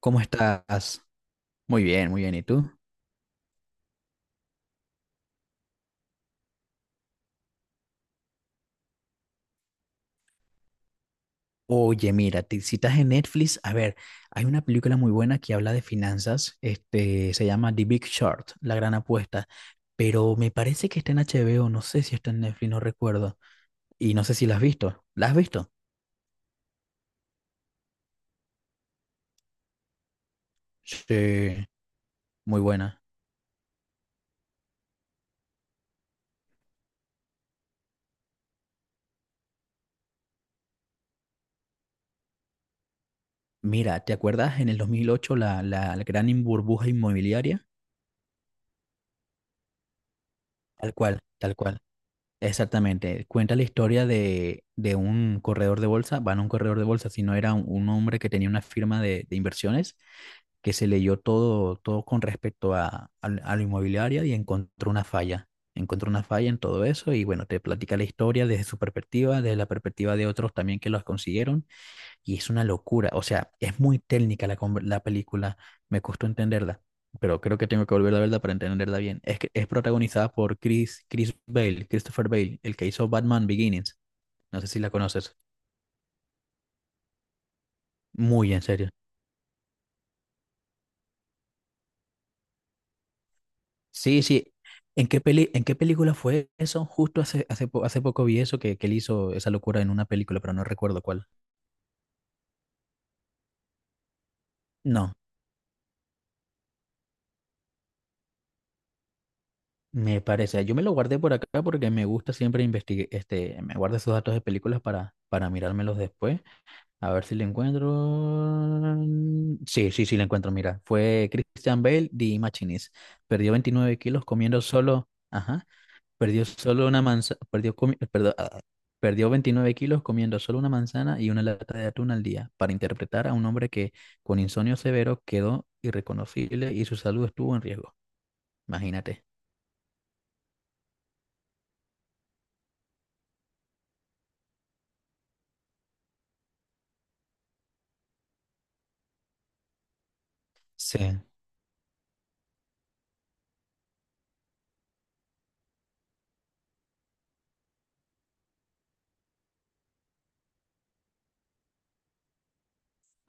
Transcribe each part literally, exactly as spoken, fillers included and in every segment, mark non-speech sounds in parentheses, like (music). ¿Cómo estás? Muy bien, muy bien. ¿Y tú? Oye, mira, te, si estás en Netflix, a ver, hay una película muy buena que habla de finanzas, este, se llama The Big Short, La Gran Apuesta, pero me parece que está en H B O, no sé si está en Netflix, no recuerdo, y no sé si la has visto. ¿La has visto? Sí, muy buena. Mira, ¿te acuerdas en el dos mil ocho la, la, la gran in- burbuja inmobiliaria? Tal cual, tal cual. Exactamente, cuenta la historia de, de un corredor de bolsa, va a un corredor de bolsa, sino era un, un hombre que tenía una firma de, de inversiones que se leyó todo, todo con respecto a, a, la a la inmobiliaria y encontró una falla, encontró una falla en todo eso y bueno, te platica la historia desde su perspectiva, desde la perspectiva de otros también que los consiguieron y es una locura, o sea, es muy técnica la, conver- la película, me costó entenderla, pero creo que tengo que volver a verla para entenderla bien. Es, que- es protagonizada por Chris, Chris Bale, Christopher Bale, el que hizo Batman Beginnings, no sé si la conoces, muy en serio. Sí, sí, ¿en qué peli, en qué película fue eso? Justo hace, hace, po- hace poco vi eso, que, que él hizo esa locura en una película, pero no recuerdo cuál. No, me parece. Yo me lo guardé por acá porque me gusta siempre investigar, este, me guardo esos datos de películas para, para mirármelos después. A ver si le encuentro. Sí, sí, sí, le encuentro. Mira, fue Christian Bale de Machinist. Perdió veintinueve kilos comiendo solo. Ajá. Perdió solo una manzana. Perdió, comi- perdón, ah, perdió veintinueve kilos comiendo solo una manzana y una lata de atún al día para interpretar a un hombre que con insomnio severo quedó irreconocible y su salud estuvo en riesgo. Imagínate. Sí.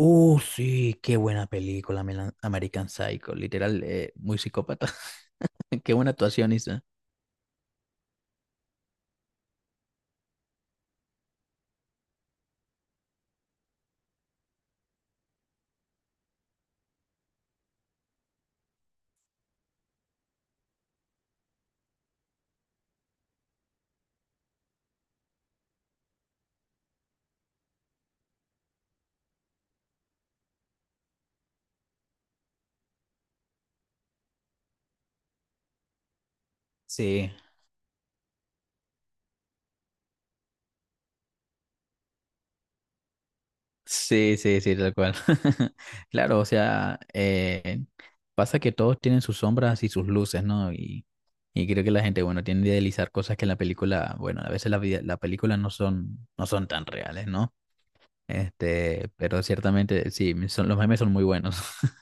Uh, sí, qué buena película, Melan- American Psycho. Literal, eh, muy psicópata. (laughs) Qué buena actuación, Isa. Sí, sí, sí, sí, tal cual. (laughs) Claro, o sea, eh, pasa que todos tienen sus sombras y sus luces, ¿no? Y, y creo que la gente, bueno, tiende a idealizar cosas que en la película, bueno, a veces la, vida- la película no son, no son tan reales, ¿no? Este, pero ciertamente, sí, son, los memes son muy buenos. (laughs)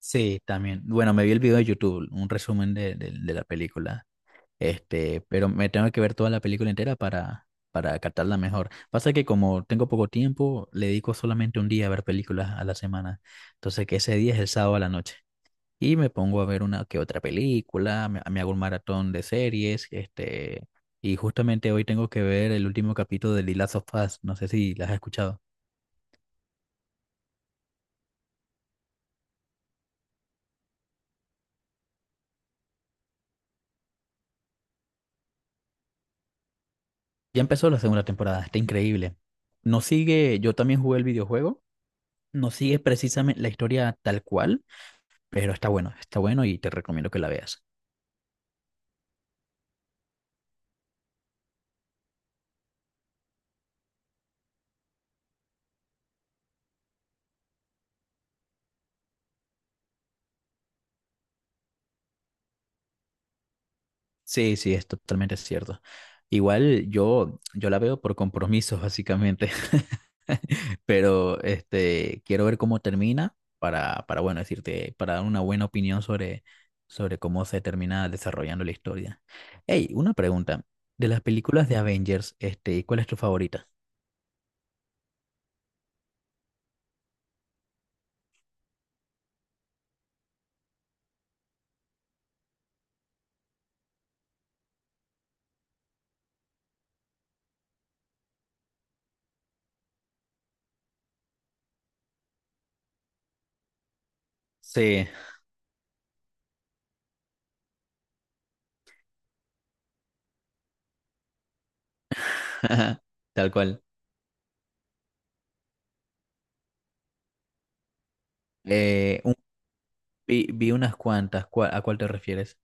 Sí, también. Bueno, me vi el video de YouTube, un resumen de, de, de la película. Este, pero me tengo que ver toda la película entera para, para captarla mejor. Pasa que como tengo poco tiempo, le dedico solamente un día a ver películas a la semana. Entonces, que ese día es el sábado a la noche. Y me pongo a ver una que otra película, me, me hago un maratón de series, este, y justamente hoy tengo que ver el último capítulo de The Last of Us. No sé si las has escuchado. Ya empezó la segunda temporada, está increíble. No sigue, yo también jugué el videojuego, no sigue precisamente la historia tal cual. Pero está bueno, está bueno y te recomiendo que la veas. Sí, sí, es totalmente cierto. Igual yo, yo la veo por compromisos, básicamente. (laughs) Pero este, quiero ver cómo termina para, para, bueno, decirte, para dar una buena opinión sobre, sobre cómo se termina desarrollando la historia. Hey, una pregunta. De las películas de Avengers, este, ¿cuál es tu favorita? Sí, (laughs) tal cual. Eh, un- vi, vi unas cuantas. ¿Cuál- ¿A cuál te refieres?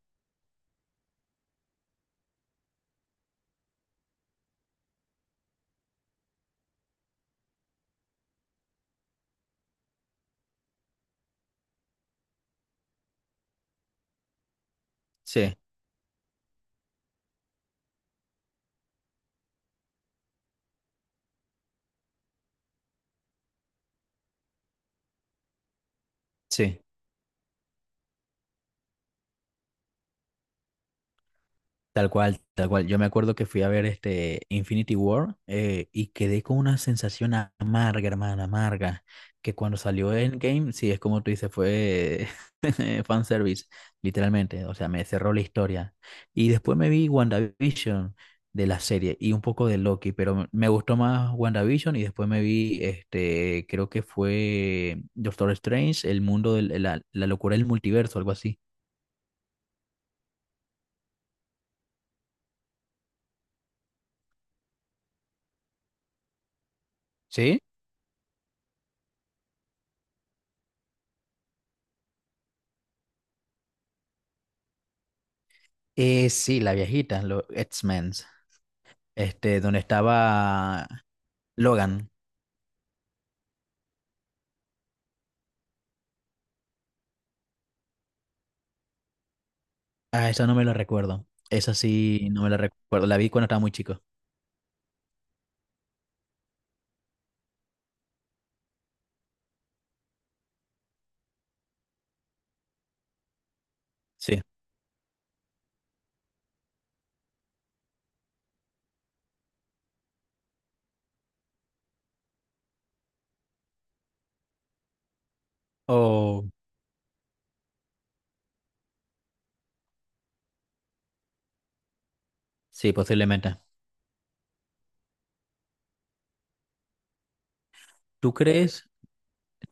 Sí, sí. Tal cual, tal cual. Yo me acuerdo que fui a ver este Infinity War eh, y quedé con una sensación a- amarga, hermana, amarga, que cuando salió Endgame, sí, es como tú dices, fue (laughs) fanservice, literalmente. O sea, me cerró la historia. Y después me vi WandaVision de la serie y un poco de Loki, pero me me gustó más WandaVision y después me vi, este, creo que fue Doctor Strange, el mundo, de la, la locura del multiverso, algo así. ¿Sí? Eh, sí, la viejita, los X-Men. Este, donde estaba Logan. Ah, esa no me la recuerdo. Esa sí no me la recuerdo. La vi cuando estaba muy chico. Sí. O sí, posiblemente. ¿Tú crees,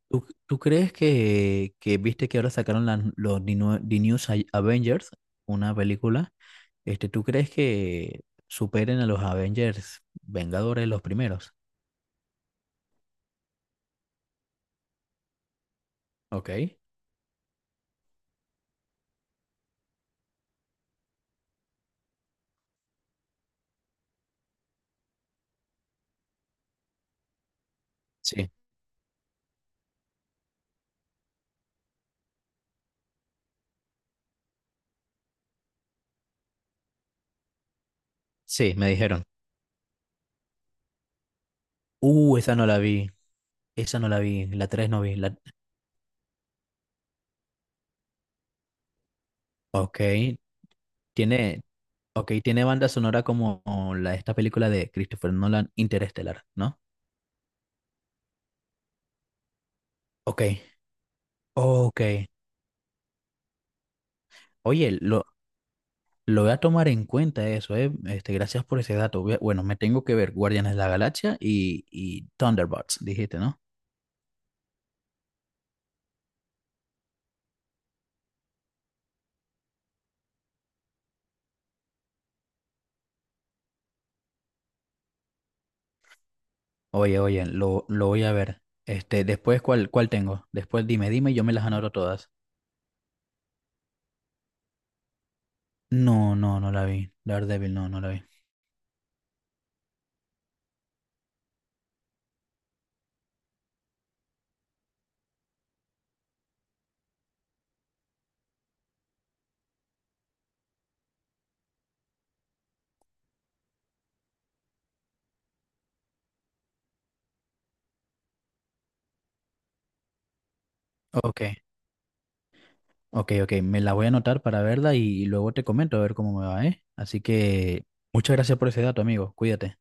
tú, tú crees que, que viste que ahora sacaron la- los The New, The New Sa- Avengers, una película? Este, ¿tú crees que superen a los Avengers Vengadores los primeros? Ok. Sí. Sí, me dijeron. Uh, esa no la vi. Esa no la vi. La tres no vi. La... Ok. Tiene, ok, tiene banda sonora como la esta película de Christopher Nolan, Interestelar, ¿no? Ok, ok. Oye, lo, lo voy a tomar en cuenta eso, ¿eh? Este, gracias por ese dato. Voy a- Bueno, me tengo que ver Guardianes de la Galaxia y, y Thunderbolts, dijiste, ¿no? Oye, oye, lo, lo voy a ver. Este, después, ¿cuál, cuál tengo? Después dime, dime y yo me las anoto todas. No, no, no la vi. Daredevil, no, no la vi. Ok. Ok, ok, me la voy a anotar para verla y luego te comento a ver cómo me va, ¿eh? Así que muchas gracias por ese dato, amigo. Cuídate.